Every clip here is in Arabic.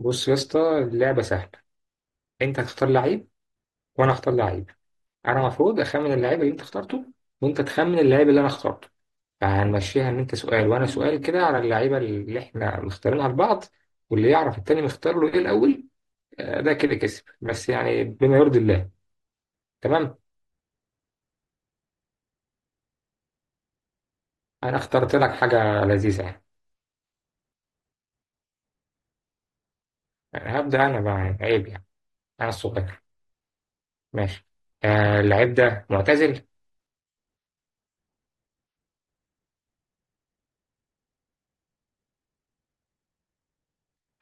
بص يا اسطى، اللعبة سهلة. انت هتختار لعيب، وانا هختار لعيب. انا المفروض اخمن اللعيب اللي انت اخترته، وانت تخمن اللعيب اللي انا اخترته. فهنمشيها ان انت سؤال وانا سؤال كده، على اللعيبة اللي احنا مختارينها لبعض. واللي يعرف التاني مختار له ايه الاول. آه، ده كده كسب، بس يعني بما يرضي الله. تمام. انا اخترت لك حاجة لذيذة يعني. يعني هبدأ انا بقى، يعني عيب يعني، انا الصغير. ماشي. آه، اللعيب ده معتزل؟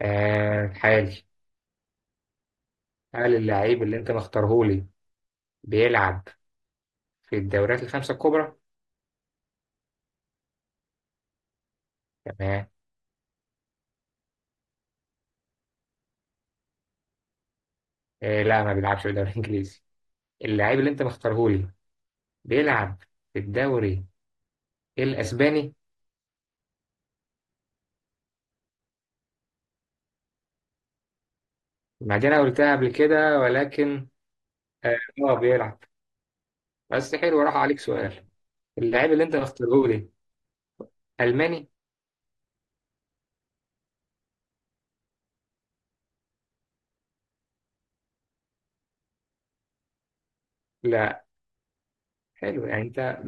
آه، حالي. هل اللعيب اللي انت مختارهولي بيلعب في الدوريات الخمسة الكبرى؟ تمام. آه لا، ما بيلعبش في الدوري الإنجليزي. اللاعب اللي أنت مختارهولي بيلعب في الدوري الأسباني. ما دي أنا قلتها قبل كده، ولكن آه، هو بيلعب. بس حلو، راح عليك سؤال. اللاعب اللي أنت مختارهولي ألماني. لا. حلو يعني. أنت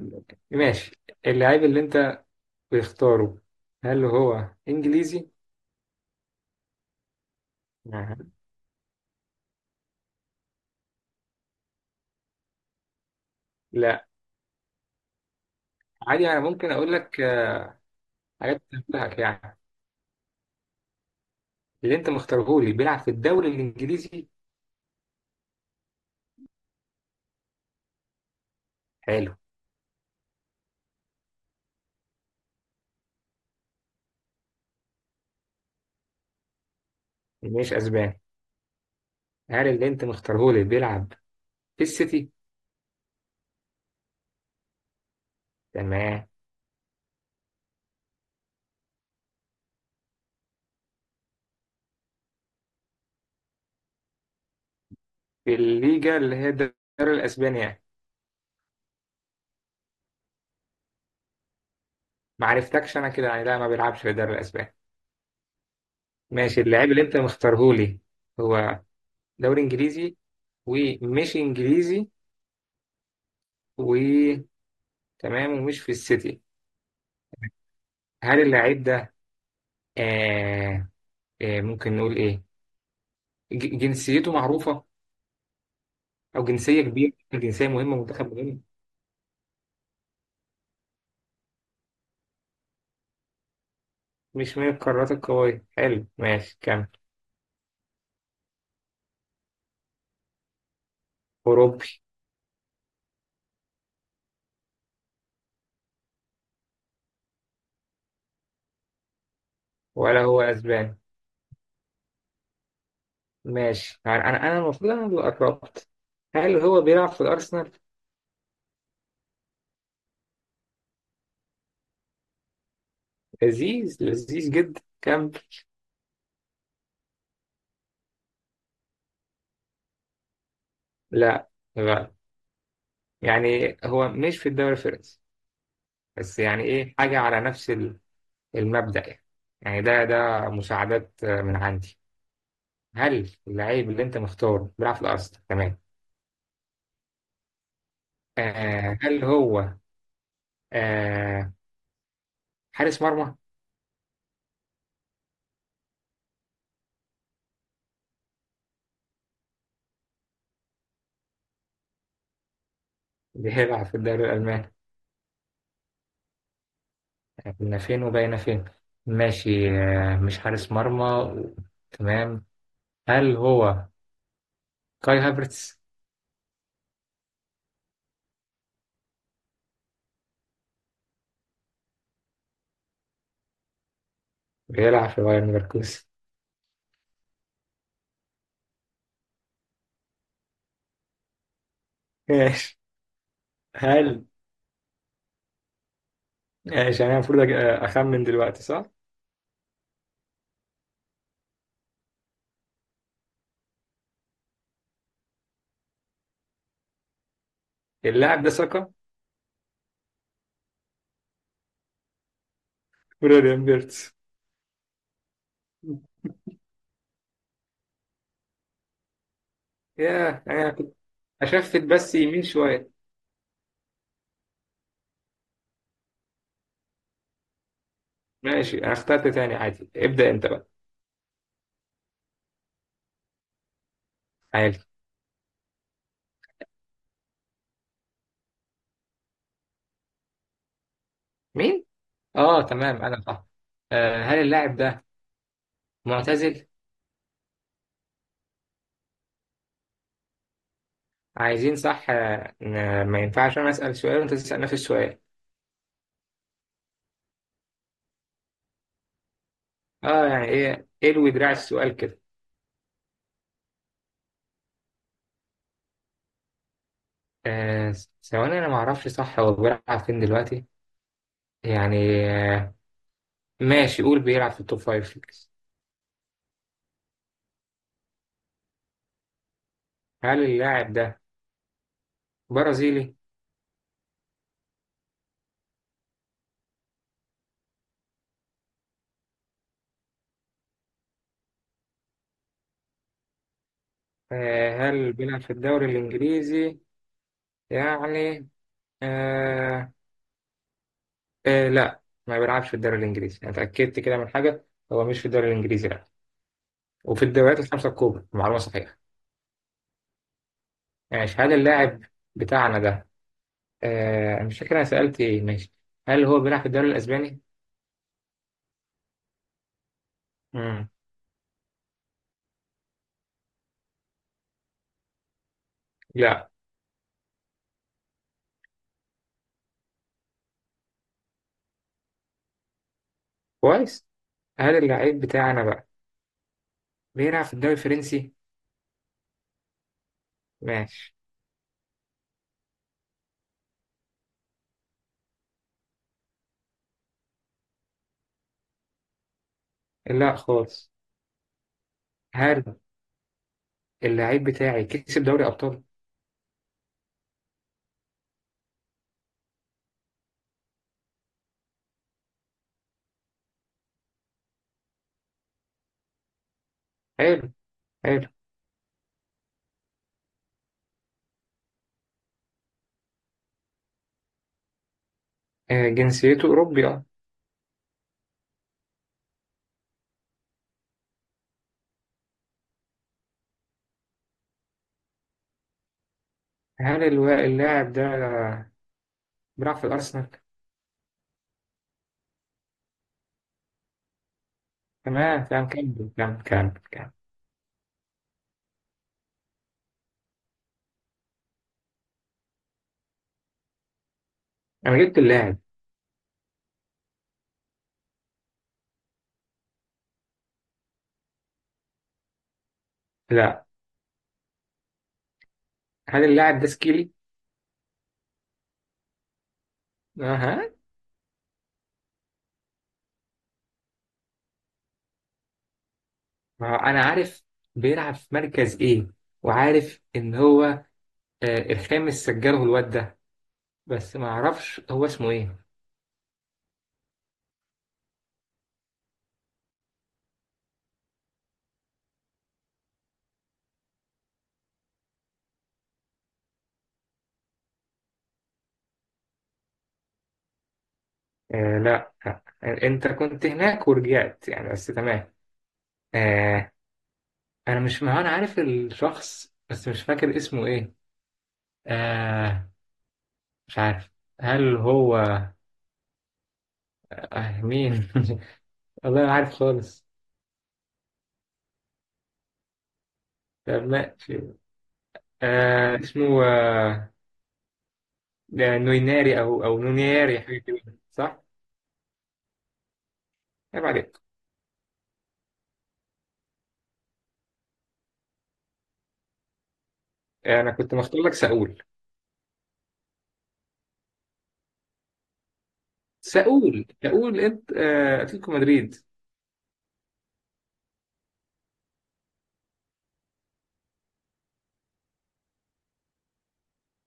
ماشي. اللاعب اللي أنت بتختاره، هل هو إنجليزي؟ آه. لا. عادي، أنا ممكن أقول لك حاجات تنبهك يعني. اللي أنت مختارهولي بيلعب في الدوري الإنجليزي. حلو. مش اسباني. هل اللي انت مختارهولي بيلعب في السيتي؟ تمام. في الليجا اللي هي الدوري الاسباني يعني. ما عرفتكش انا كده يعني. لا، ما بيلعبش في الدوري الاسباني. ماشي. اللاعب اللي انت مختارهولي هو دوري انجليزي، ومش انجليزي، وتمام، ومش في السيتي. هل اللاعب ده، آه ممكن نقول ايه، جنسيته معروفة، او جنسية كبيرة، جنسية مهمة، منتخب مهم. مش من القارات القوية، حلو. ماشي كمل. أوروبي. ولا هو أسباني. ماشي يعني. انا المفروض انا اللي قربت. هل هو بيلعب في الارسنال؟ لذيذ، لذيذ جدا. كم. لا، لا، يعني هو مش في الدوري الفرنسي، بس يعني ايه، حاجه على نفس المبدأ يعني. يعني ده مساعدات من عندي. هل اللعيب اللي انت مختاره بيلعب في الارسنال؟ تمام. آه، هل هو، آه، حارس مرمى؟ بيلعب في الدوري الالماني. احنا فين وبقينا فين. ماشي، آه، مش حارس مرمى. تمام. هل هو كاي هافرتس؟ بيلعب في بايرن ليفركوزن. ماشي. هل ماشي، يعني انا المفروض اخمن دلوقتي، صح؟ اللاعب ده ساكا ولا بيرتس؟ ياه، انا كنت اشفت بس يمين شويه. ماشي. انا اخترت تاني عادي، ابدا انت بقى. عادي. مين؟ اه تمام، انا صح. آه، هل اللاعب ده معتزل؟ عايزين صح، آه، ما ينفعش انا اسال سؤال وانت تسال نفس السؤال. اه، يعني ايه، اللي دراع السؤال كده. آه ثواني، انا ما اعرفش صح هو بيلعب فين دلوقتي. يعني آه، ماشي، قول بيلعب في التوب فايف ليجز. هل اللاعب ده برازيلي؟ آه، هل بيلعب في الدوري الإنجليزي؟ يعني آه، لا، ما بيلعبش في الدوري الإنجليزي. أنا اتأكدت كده من حاجة. هو مش في الدوري الإنجليزي، لا. وفي الدوريات الخمسة الكبرى معلومة صحيحة. ماشي. هل اللاعب بتاعنا ده، آه، مش فاكر أنا سألت إيه. ماشي. هل هو بيلعب في الدوري الأسباني؟ مم. لا. كويس. هل اللاعب بتاعنا بقى بيلعب في الدوري الفرنسي؟ ماشي. لا خالص. حلو. اللعيب بتاعي كسب دوري أبطال. حلو، حلو. آه، جنسيته أوروبي، أه. هل اللاعب ده بيلعب في الأرسنال؟ تمام، تمام. كمل كمل كمل كمل. أنا جبت اللاعب. لا. هل اللاعب ده سكيلي؟ أها. ما هو أنا عارف بيلعب في مركز إيه، وعارف إن هو، آه، الخامس سجله الواد ده. بس ما أعرفش هو اسمه إيه. آه لا، آه، أنت كنت هناك ورجعت يعني، بس تمام. آه، انا مش ما هو انا عارف الشخص، بس مش فاكر اسمه ايه. آه، مش عارف. هل هو، آه، مين والله ما عارف خالص. طب ماشي. آه، اسمه، آه، ده نويناري او نونياري، حاجه كده، صح؟ عيب عليك. آه، انا كنت مختار لك ساول. ساول، ساول. انت، آه، اتلتيكو مدريد.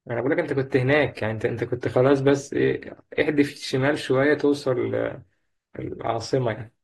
انا بقول لك انت كنت هناك يعني، انت كنت خلاص، بس إيه، احدف الشمال شويه توصل، آه، العاصمه يعني.